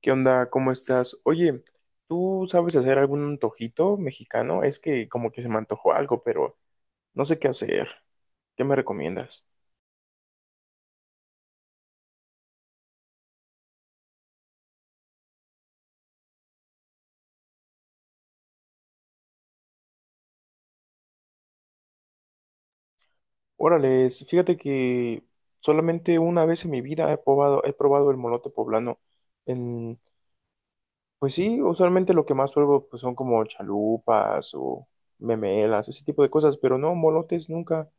¿Qué onda? ¿Cómo estás? Oye, ¿tú sabes hacer algún antojito mexicano? Es que como que se me antojó algo, pero no sé qué hacer. ¿Qué me recomiendas? Órale, fíjate que solamente una vez en mi vida he probado el molote poblano. En, pues sí, usualmente lo que más pruebo pues, son como chalupas o memelas, ese tipo de cosas, pero no, molotes nunca.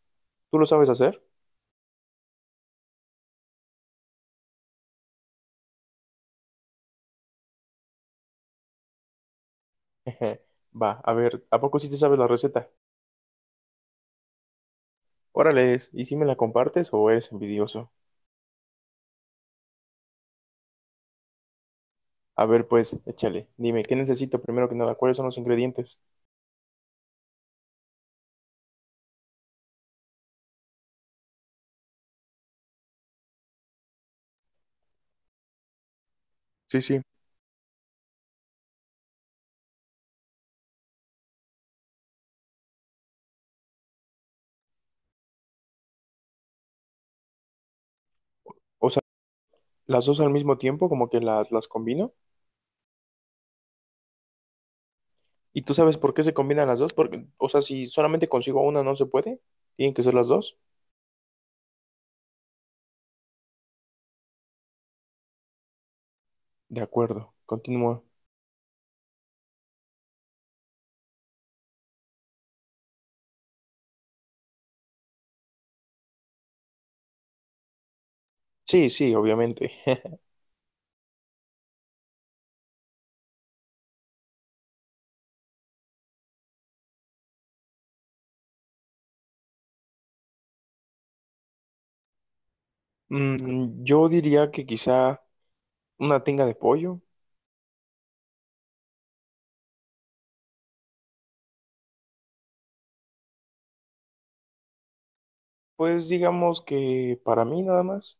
¿Tú lo sabes hacer? Va, a ver, ¿a poco sí te sabes la receta? Órale, ¿y si me la compartes o eres envidioso? A ver, pues, échale. Dime, ¿qué necesito primero que nada? ¿Cuáles son los ingredientes? Sí, sí. O sea, las dos al mismo tiempo, como que las combino. ¿Y tú sabes por qué se combinan las dos? Porque, o sea, si solamente consigo una no se puede, tienen que ser las dos. De acuerdo, continúa. Sí, sí, obviamente. Mm, yo diría que quizá una tinga de pollo. Pues digamos que para mí nada más.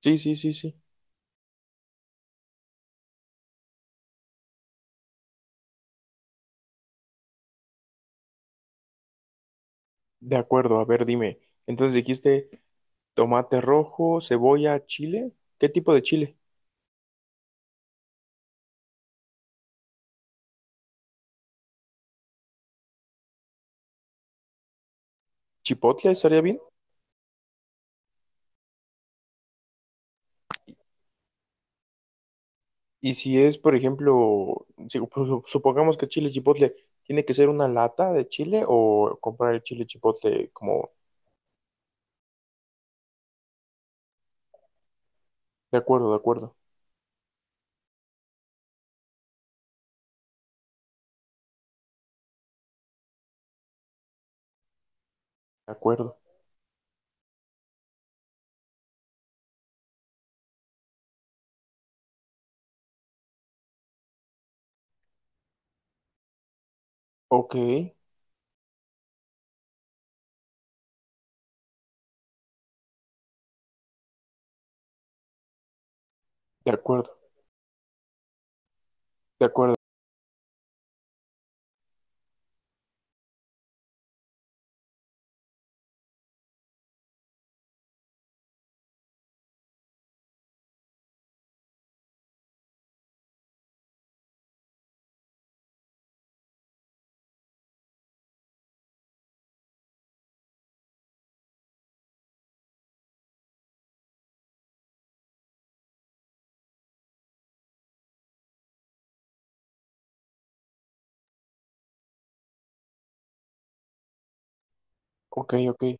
Sí, sí, sí, sí. De acuerdo, a ver, dime. Entonces dijiste tomate rojo, cebolla, chile. ¿Qué tipo de chile? Chipotle estaría bien. Y si es, por ejemplo, si- pues, supongamos que chile chipotle, ¿tiene que ser una lata de chile o comprar el chile chipotle como... De acuerdo, de acuerdo, de acuerdo. Ok, de acuerdo, de acuerdo. Ok, ok.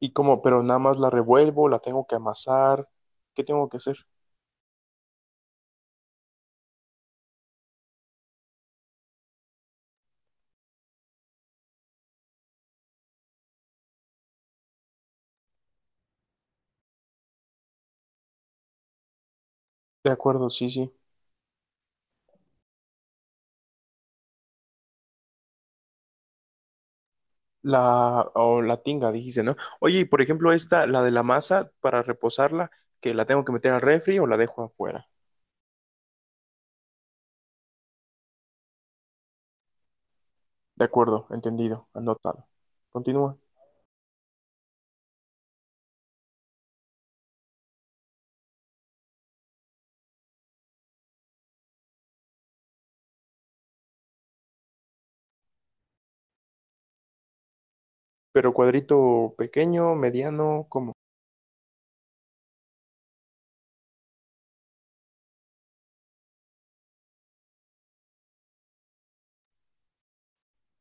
Y como, pero nada más la revuelvo, la tengo que amasar. ¿Qué tengo que hacer? De acuerdo, sí, sí. La, o la tinga, dijiste, ¿no? Oye, y por ejemplo, esta, la de la masa, para reposarla, que la tengo que meter al refri o la dejo afuera. De acuerdo, entendido, anotado. Continúa. Pero cuadrito pequeño, mediano, ¿cómo?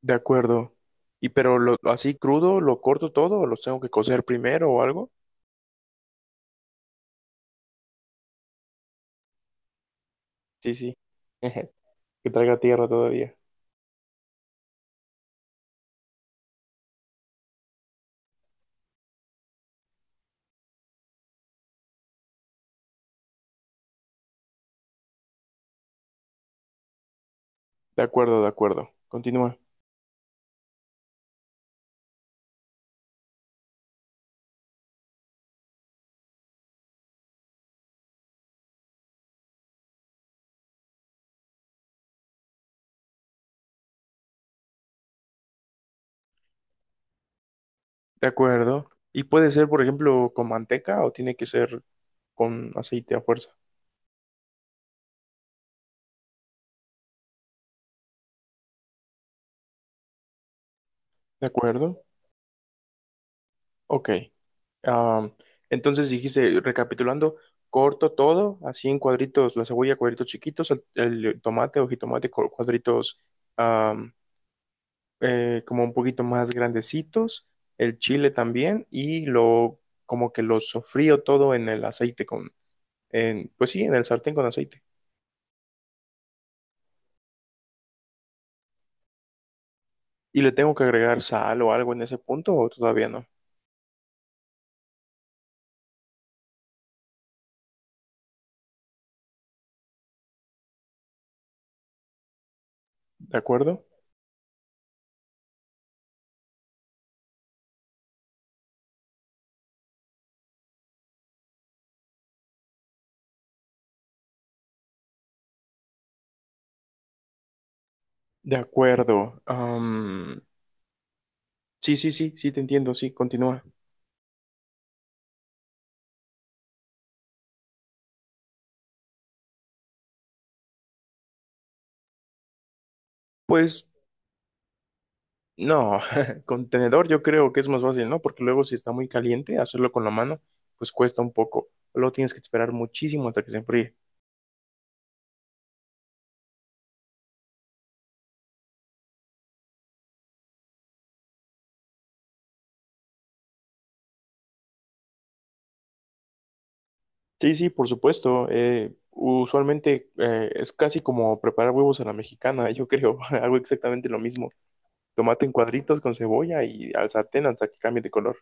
De acuerdo. ¿Y pero lo, así crudo, lo corto todo o los tengo que cocer primero o algo? Sí, sí. Que traiga tierra todavía. De acuerdo, de acuerdo. Continúa. De acuerdo. ¿Y puede ser, por ejemplo, con manteca o tiene que ser con aceite a fuerza? De acuerdo. Ok. Ah, entonces dijiste, recapitulando, corto todo, así en cuadritos, la cebolla, cuadritos chiquitos, el tomate o jitomate, cu- cuadritos am, como un poquito más grandecitos, el chile también, y lo como que lo sofrío todo en el aceite con, en, pues sí, en el sartén con aceite. Y le tengo que agregar sal o algo en ese punto, o todavía no, ¿de acuerdo? De acuerdo. Sí, sí, sí, sí, te entiendo, sí, continúa. Pues no, con tenedor yo creo que es más fácil, ¿no? Porque luego si está muy caliente, hacerlo con la mano, pues cuesta un poco. Luego tienes que esperar muchísimo hasta que se enfríe. Sí, sí, por supuesto. Usualmente es casi como preparar huevos a la mexicana, yo creo. Hago exactamente lo mismo. Tomate en cuadritos con cebolla y al sartén hasta que cambie de color.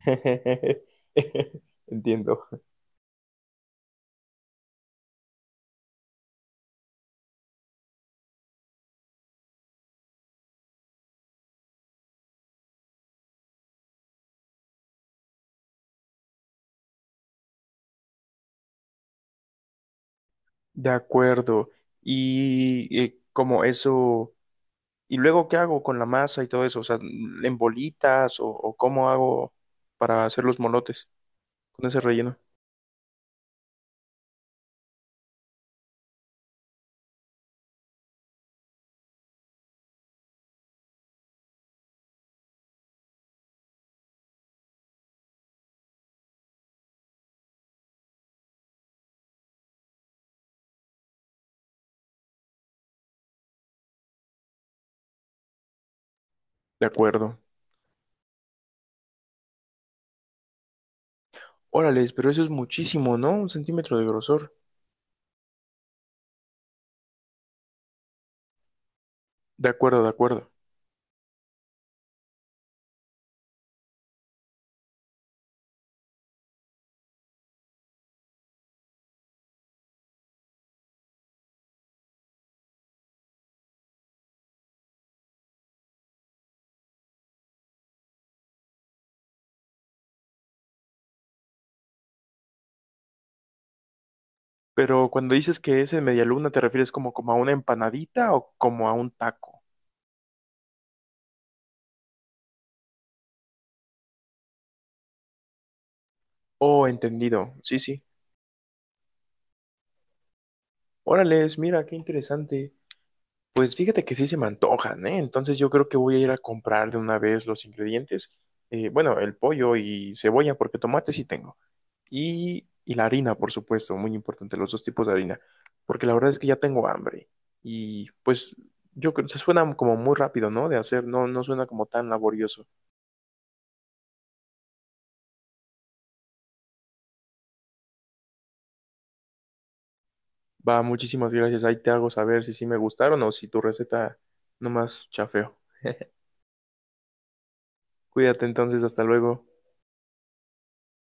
Entiendo. De acuerdo. Y como eso... ¿Y luego qué hago con la masa y todo eso? O sea, ¿en bolitas o cómo hago para hacer los molotes con ese relleno? De acuerdo. Órales, pero eso es muchísimo, ¿no? Un centímetro de grosor. De acuerdo, de acuerdo. Pero cuando dices que es en media luna, ¿te refieres como, como a una empanadita o como a un taco? Oh, entendido. Sí, sí. Órales, mira, qué interesante. Pues fíjate que sí se me antojan, ¿eh? Entonces yo creo que voy a ir a comprar de una vez los ingredientes. Bueno, el pollo y cebolla, porque tomate sí tengo. Y la harina, por supuesto, muy importante, los dos tipos de harina, porque la verdad es que ya tengo hambre. Y pues yo creo se suena como muy rápido, ¿no? De hacer, no, no suena como tan laborioso. Va, muchísimas gracias. Ahí te hago saber si sí me gustaron o si tu receta nomás chafeo. Cuídate entonces, hasta luego.